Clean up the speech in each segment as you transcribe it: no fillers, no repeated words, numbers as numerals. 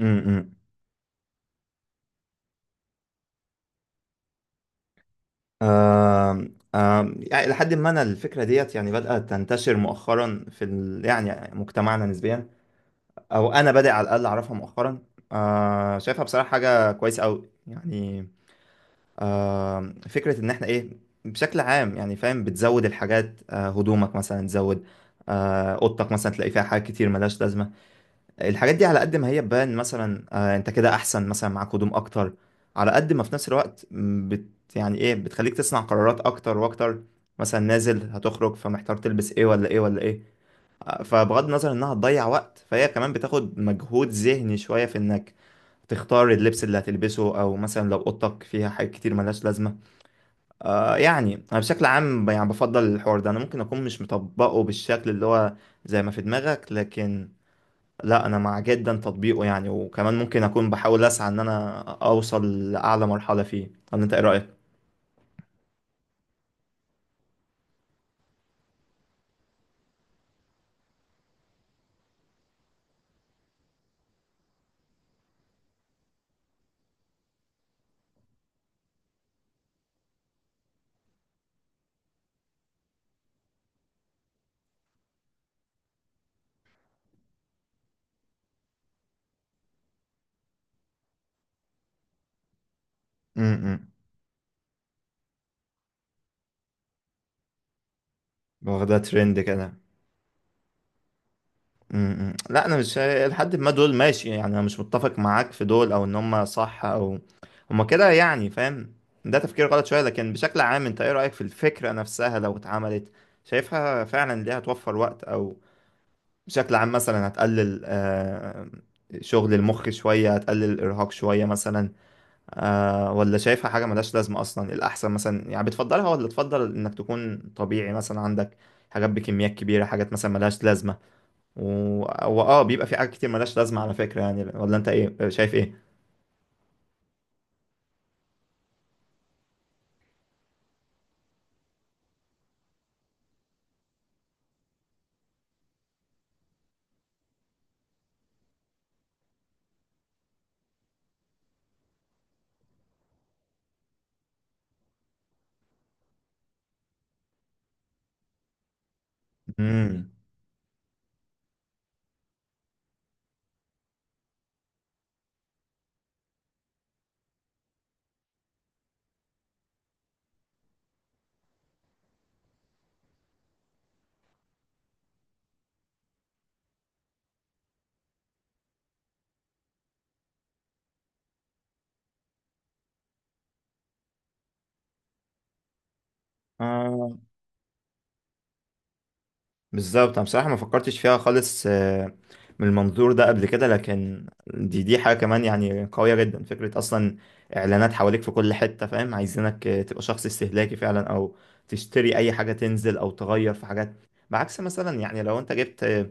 امم آم، آم، يعني لحد ما انا الفكره ديت يعني بدات تنتشر مؤخرا في يعني مجتمعنا نسبيا، او انا بادئ على الاقل اعرفها مؤخرا. شايفها بصراحه حاجه كويسه قوي يعني. فكره ان احنا ايه، بشكل عام يعني فاهم بتزود الحاجات، هدومك مثلا تزود، اوضتك مثلا تلاقي فيها حاجات كتير ملهاش لازمه. الحاجات دي على قد ما هي بان مثلا انت كده احسن مثلا معاك هدوم اكتر، على قد ما في نفس الوقت م، بت يعني ايه بتخليك تصنع قرارات اكتر واكتر. مثلا نازل هتخرج فمحتار تلبس ايه ولا ايه ولا ايه، فبغض النظر انها هتضيع وقت فهي كمان بتاخد مجهود ذهني شوية في انك تختار اللبس اللي هتلبسه، او مثلا لو اوضتك فيها حاجات كتير ملهاش لازمه. يعني انا بشكل عام يعني بفضل الحوار ده، انا ممكن اكون مش مطبقه بالشكل اللي هو زي ما في دماغك، لكن لا انا مع جدا تطبيقه يعني، وكمان ممكن اكون بحاول اسعى ان انا اوصل لاعلى مرحلة فيه. ولا انت ايه رأيك؟ امم. واخدها ترند كده. إمم. لا انا مش لحد ما دول ماشي، يعني انا مش متفق معاك في دول، او ان هم صح او هم كده يعني فاهم. ده تفكير غلط شوية، لكن بشكل عام انت ايه رأيك في الفكرة نفسها لو اتعملت؟ شايفها فعلا ليها توفر وقت، او بشكل عام مثلا هتقلل شغل المخ شوية، هتقلل الارهاق شوية مثلا، ولا شايفها حاجة ملهاش لازمة أصلا الأحسن؟ مثلا يعني بتفضلها، ولا تفضل إنك تكون طبيعي مثلا عندك حاجات بكميات كبيرة، حاجات مثلا ملهاش لازمة؟ و... وآه بيبقى في حاجات كتير ملهاش لازمة على فكرة يعني. ولا أنت إيه شايف إيه؟ مم. بالظبط. انا بصراحه ما فكرتش فيها خالص من المنظور ده قبل كده، لكن دي حاجه كمان يعني قويه جدا فكره اصلا. اعلانات حواليك في كل حته فاهم عايزينك تبقى شخص استهلاكي فعلا، او تشتري اي حاجه تنزل او تغير في حاجات، بعكس مثلا يعني لو انت جبت آه،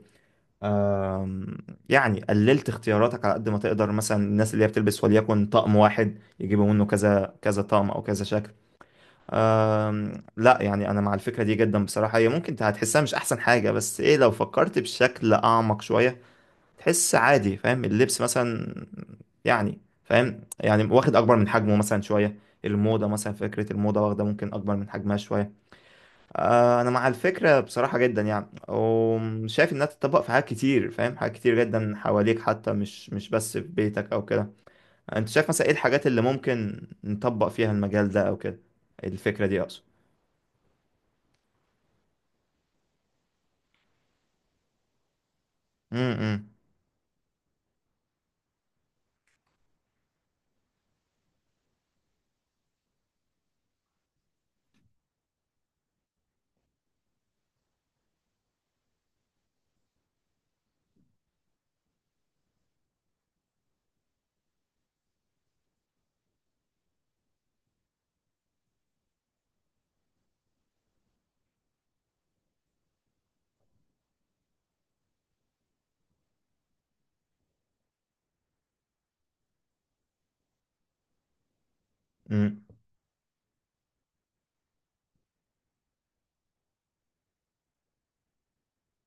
آم، يعني قللت اختياراتك على قد ما تقدر. مثلا الناس اللي هي بتلبس وليكن طقم واحد، يجيبوا منه كذا كذا طقم او كذا شكل. لا يعني انا مع الفكره دي جدا بصراحه. هي ممكن هتحسها مش احسن حاجه، بس ايه لو فكرت بشكل اعمق شويه تحس عادي. فاهم اللبس مثلا يعني فاهم يعني واخد اكبر من حجمه مثلا شويه، الموضه مثلا، فكره الموضه واخده ممكن اكبر من حجمها شويه. انا مع الفكره بصراحه جدا يعني، وشايف انها تتطبق في حاجات كتير فاهم، حاجات كتير جدا حواليك، حتى مش بس في بيتك او كده. انت شايف مثلا ايه الحاجات اللي ممكن نطبق فيها المجال ده او كده؟ الفكره دي اقصد. امم. امم. امم.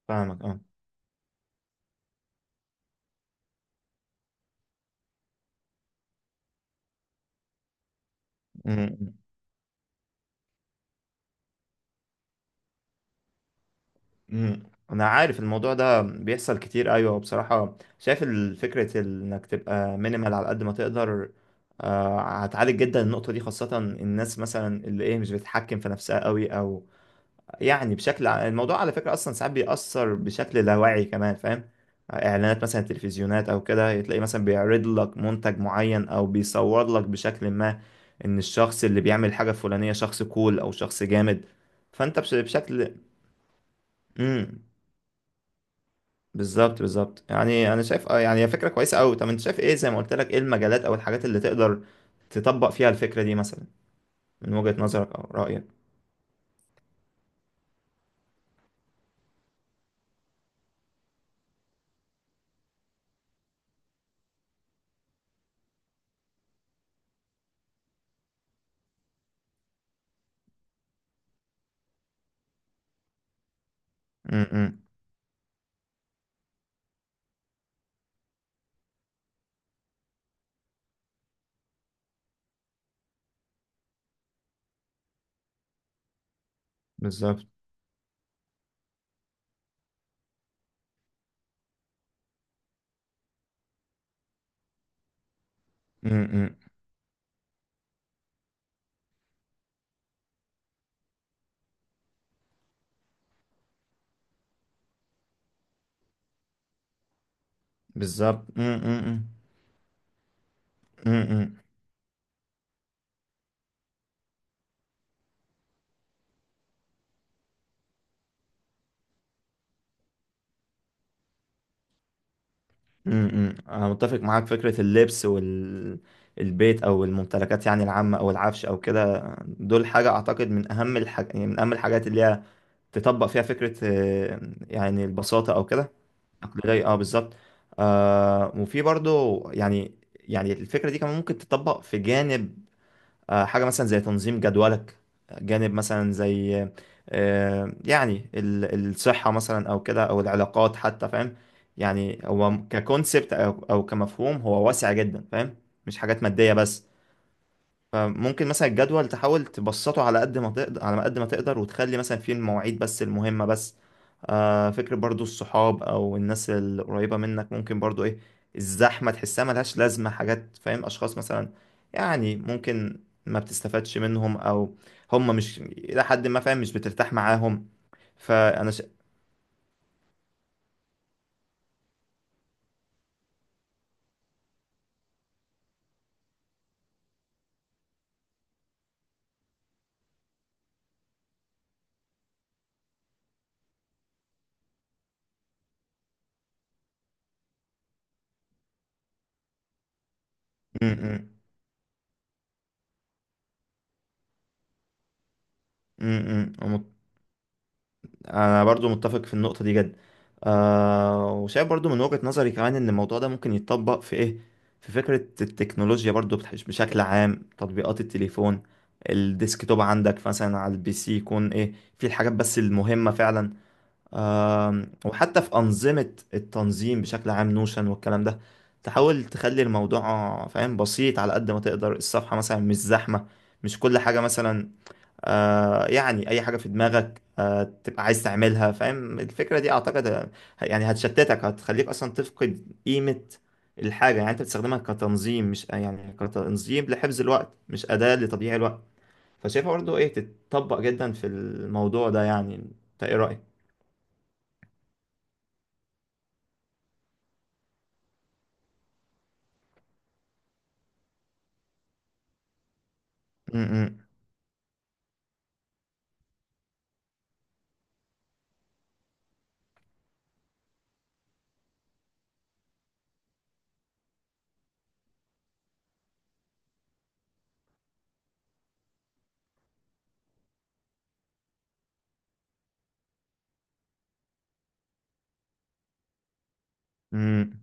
فاهمك، اه. امم. امم. امم. انا عارف الموضوع ده بيحصل كتير. ايوه، بصراحه شايف الفكره انك تبقى مينيمال على قد ما تقدر، هتعالج جدا النقطه دي، خاصه الناس مثلا اللي ايه مش بتتحكم في نفسها قوي. او يعني الموضوع على فكرة أصلا ساعات بيأثر بشكل لا واعي كمان فاهم. إعلانات مثلا، تلفزيونات أو كده، تلاقي مثلا بيعرض لك منتج معين، أو بيصور لك بشكل ما إن الشخص اللي بيعمل حاجة فلانية شخص كول أو شخص جامد. فأنت بشكل. امم. بالظبط، بالظبط. يعني أنا شايف يعني هي فكرة كويسة أوي. طب أنت شايف إيه زي ما قلت لك؟ إيه المجالات أو الحاجات اللي تقدر تطبق فيها الفكرة دي مثلا من وجهة نظرك أو رأيك؟ امم. بالظبط. امم. بالظبط. امم. إمم. إمم. إمم. إمم. انا متفق معاك. فكرة اللبس والبيت او الممتلكات يعني العامة، او العفش او كده، دول حاجة اعتقد من اهم يعني من اهم الحاجات اللي هي تطبق فيها فكرة يعني البساطة او كده. اقليدية، اه، بالظبط. وفي برضو يعني الفكرة دي كمان ممكن تطبق في جانب، حاجة مثلا زي تنظيم جدولك، جانب مثلا زي يعني الصحة مثلا أو كده، أو العلاقات حتى فاهم. يعني هو ككونسبت أو كمفهوم هو واسع جدا فاهم، مش حاجات مادية بس. فممكن مثلا الجدول تحاول تبسطه على ما قد ما تقدر، وتخلي مثلا فيه المواعيد بس المهمة بس. فكرة برضو الصحاب او الناس القريبة منك، ممكن برضو ايه الزحمة تحسها ملهاش لازمة، حاجات فاهم، اشخاص مثلا يعني ممكن ما بتستفادش منهم، او هم مش الى حد ما فاهم مش بترتاح معاهم. فانا م -م. م -م. انا برضو متفق في النقطه دي جدا. وشايف برضو من وجهه نظري كمان ان الموضوع ده ممكن يتطبق في ايه، في فكره التكنولوجيا برضو بشكل عام تطبيقات التليفون، الديسكتوب عندك مثلا على الPC يكون ايه في الحاجات بس المهمه فعلا. وحتى في انظمه التنظيم بشكل عام، نوشن والكلام ده، تحاول تخلي الموضوع فاهم بسيط على قد ما تقدر. الصفحه مثلا مش زحمه، مش كل حاجه مثلا يعني اي حاجه في دماغك تبقى عايز تعملها فاهم. الفكره دي اعتقد يعني هتشتتك، هتخليك اصلا تفقد قيمه الحاجه. يعني انت بتستخدمها كتنظيم، مش يعني كتنظيم لحفظ الوقت مش اداه لتضييع الوقت. فشايفها برضه ايه تتطبق جدا في الموضوع ده يعني. انت ايه رايك؟ م-. م-. م-.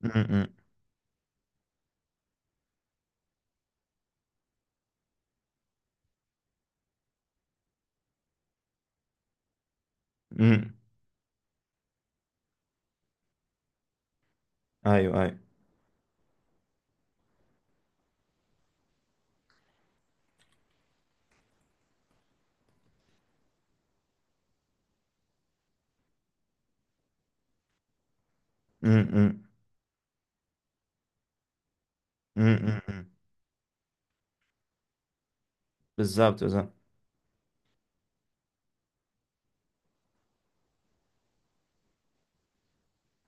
م-. م-. م-. ايوه، ايوه. م-. م-. م-. م-. م. بالظبط، بالظبط.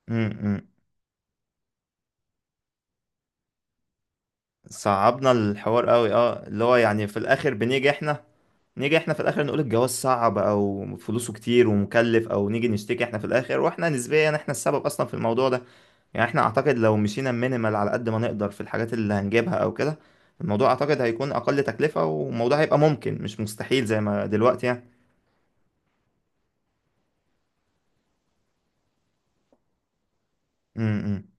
م-. م. صعبنا الحوار قوي. اه، اللي هو يعني في الاخر بنيجي احنا، نيجي احنا في الاخر، نقول الجواز صعب او فلوسه كتير ومكلف، او نيجي نشتكي احنا في الاخر واحنا نسبيا احنا السبب اصلا في الموضوع ده. يعني احنا اعتقد لو مشينا مينيمال على قد ما نقدر في الحاجات اللي هنجيبها او كده، الموضوع اعتقد هيكون اقل تكلفة، والموضوع هيبقى ممكن مش مستحيل زي ما دلوقتي يعني. م-. م.